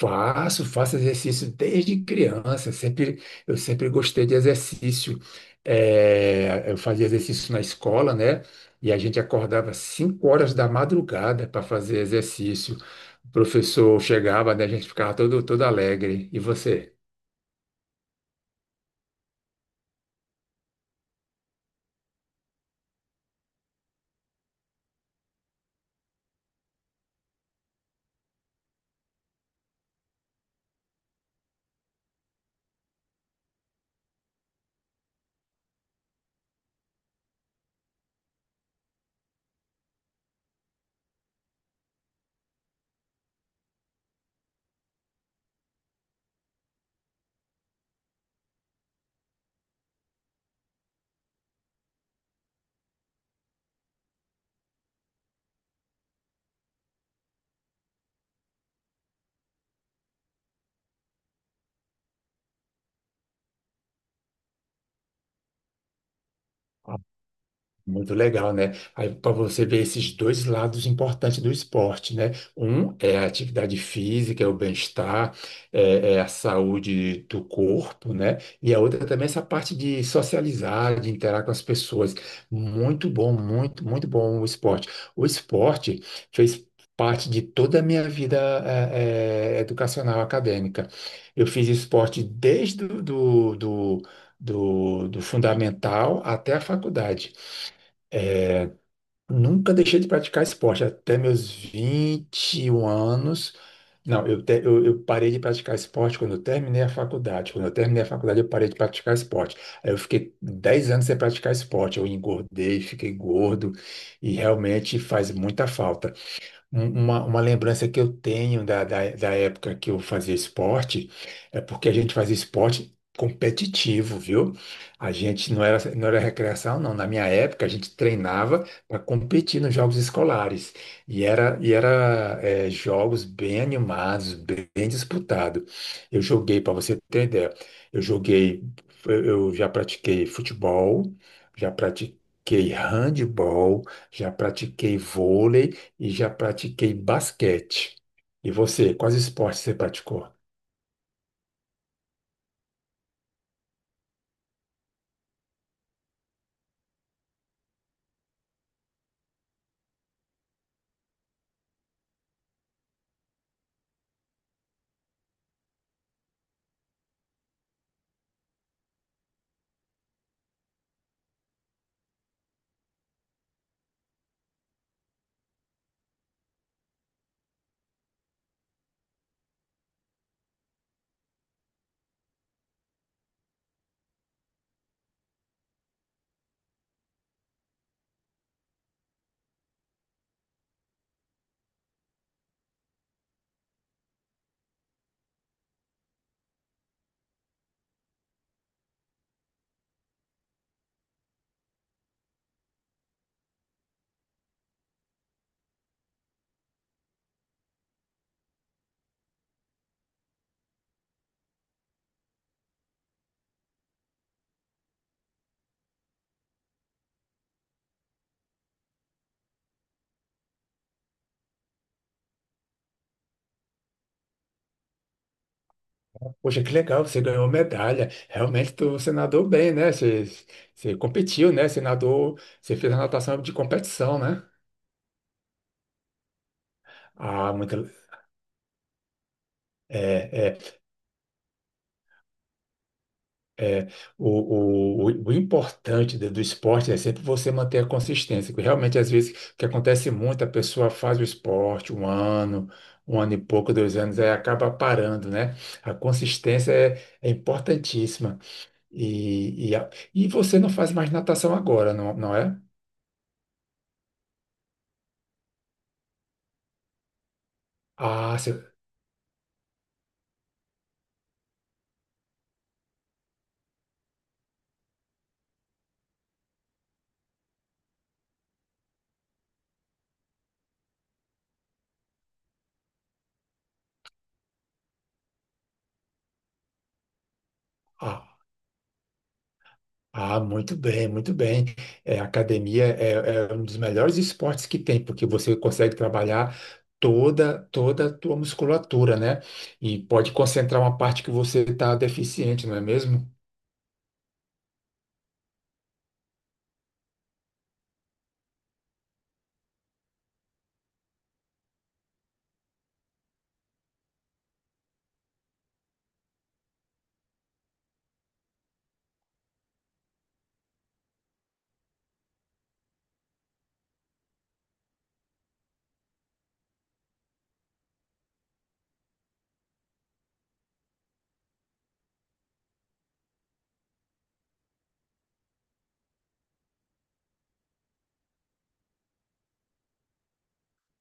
Faço exercício desde criança. Eu sempre gostei de exercício. É, eu fazia exercício na escola, né? E a gente acordava 5 horas da madrugada para fazer exercício. O professor chegava, né? A gente ficava todo alegre. E você? Muito legal, né? Aí para você ver esses dois lados importantes do esporte, né? Um é a atividade física, é o bem-estar, é a saúde do corpo, né? E a outra também é essa parte de socializar, de interagir com as pessoas. Muito bom, muito bom o esporte. O esporte fez parte de toda a minha vida, educacional, acadêmica. Eu fiz esporte desde do, do do- do, do fundamental até a faculdade. Nunca deixei de praticar esporte até meus 21 anos. Não, eu, te- Eu parei de praticar esporte quando eu terminei a faculdade. Quando eu terminei a faculdade, eu parei de praticar esporte. Aí eu fiquei 10 anos sem praticar esporte. Eu engordei, fiquei gordo e realmente faz muita falta. Uma lembrança que eu tenho da época que eu fazia esporte é porque a gente fazia esporte competitivo, viu? A gente não era recreação, não. Na minha época, a gente treinava para competir nos jogos escolares. Jogos bem animados, bem disputados. Para você ter ideia, eu joguei, eu já pratiquei futebol, já pratiquei handball, já pratiquei vôlei e já pratiquei basquete. E você, quais esportes você praticou? Poxa, que legal, você ganhou medalha. Realmente você nadou bem, né? Você competiu, né? Você nadou, você fez a natação de competição, né? Ah, muito, é, é, é, o importante do esporte é sempre você manter a consistência, porque realmente às vezes o que acontece muito, a pessoa faz o esporte um ano e pouco, dois anos, aí acaba parando, né? A consistência é, é importantíssima. E, e, a- e você não faz mais natação agora, não, não é? Ah, você- ah, ah, muito bem, muito bem. É, academia é um dos melhores esportes que tem, porque você consegue trabalhar toda a tua musculatura, né? E pode concentrar uma parte que você está deficiente, não é mesmo?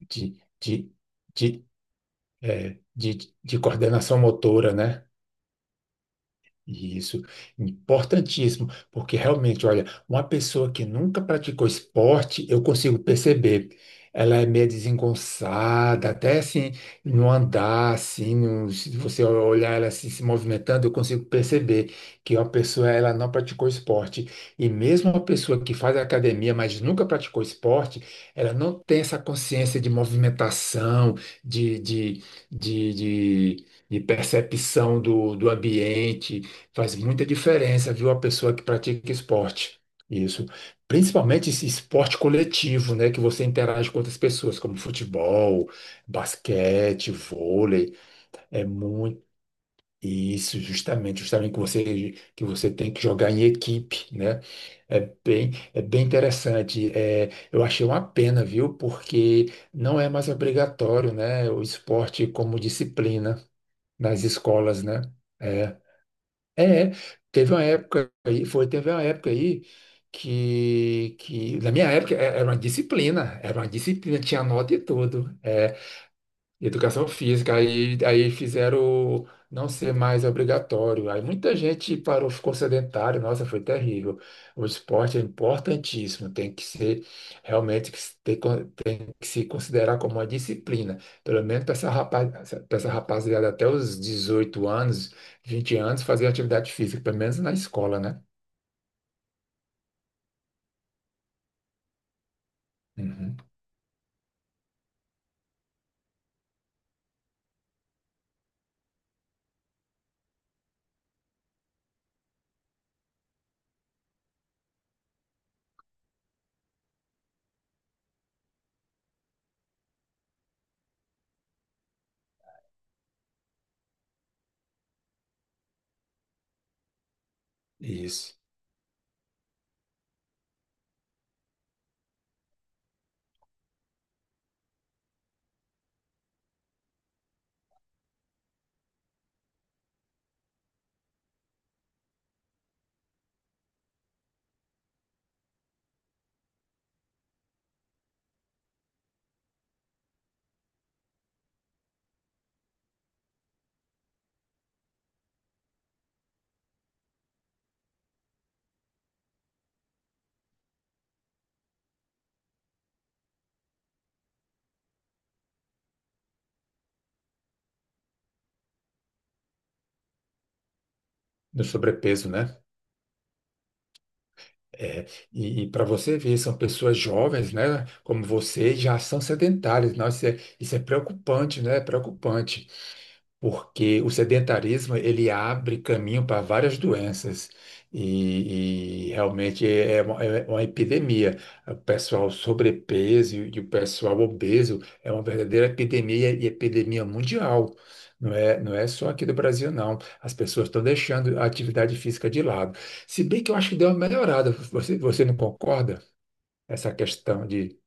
De, de, de, é, de, de coordenação motora, né? Isso, importantíssimo, porque realmente, olha, uma pessoa que nunca praticou esporte, eu consigo perceber, ela é meio desengonçada, até assim, no andar, assim, se você olhar ela assim, se movimentando, eu consigo perceber que uma pessoa, ela não praticou esporte. E mesmo uma pessoa que faz academia, mas nunca praticou esporte, ela não tem essa consciência de movimentação, de, de, de de- de percepção do ambiente. Faz muita diferença, viu, a pessoa que pratica esporte. Isso. Principalmente esse esporte coletivo, né, que você interage com outras pessoas, como futebol, basquete, vôlei, é muito isso, justamente que você tem que jogar em equipe, né? É bem interessante. É, eu achei uma pena, viu? Porque não é mais obrigatório, né, o esporte como disciplina nas escolas, né? É. É, é. Teve uma época aí, teve uma época aí que na minha época era uma disciplina, tinha nota e tudo, é, educação física, aí fizeram não ser mais obrigatório, aí muita gente parou, ficou sedentário, nossa, foi terrível. O esporte é importantíssimo, tem que ser, realmente, que se considerar como uma disciplina, pelo menos para essa rapaz, para essa rapaziada até os 18 anos, 20 anos, fazer atividade física, pelo menos na escola, né? Uhum. Isso. No sobrepeso, né? É. E, para você ver, são pessoas jovens, né? Como você, já são sedentárias. Nossa, isso é preocupante, né? É preocupante. Porque o sedentarismo ele abre caminho para várias doenças realmente é uma epidemia. O pessoal sobrepeso e o pessoal obeso é uma verdadeira epidemia e epidemia mundial. Não é só aqui do Brasil, não. As pessoas estão deixando a atividade física de lado. Se bem que eu acho que deu uma melhorada. Você não concorda? Essa questão de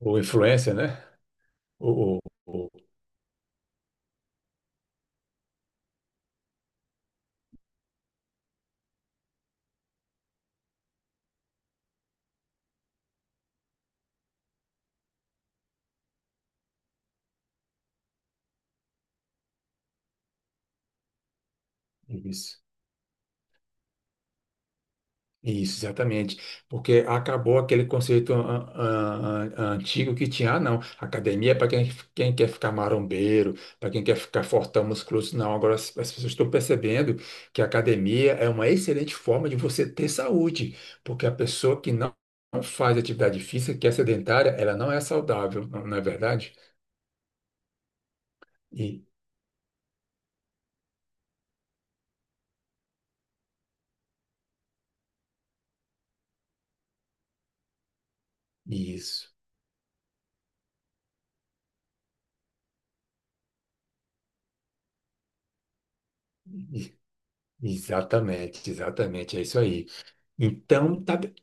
ou influência, né? Ou, ou, ou- Isso, exatamente. Porque acabou aquele conceito antigo que tinha, ah, não, academia é para quem quer ficar marombeiro, para quem quer ficar fortão, musculoso. Não, agora as pessoas estão percebendo que a academia é uma excelente forma de você ter saúde, porque a pessoa que não faz atividade física, que é sedentária, ela não é saudável, não, não é verdade? E, isso, E- Exatamente, exatamente, é isso aí. Então, tá bem.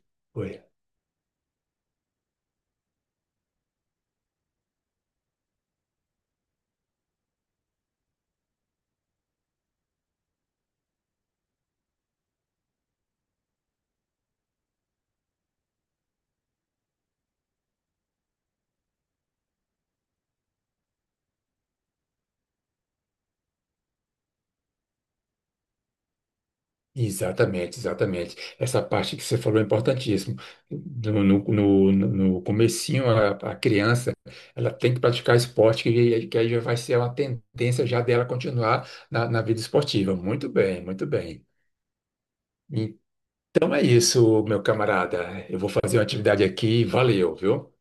Exatamente, exatamente. Essa parte que você falou é importantíssimo. No, no, no comecinho, a criança, ela tem que praticar esporte, que aí já vai ser uma tendência já dela continuar na vida esportiva. Muito bem, muito bem. Então é isso, meu camarada. Eu vou fazer uma atividade aqui. Valeu, viu?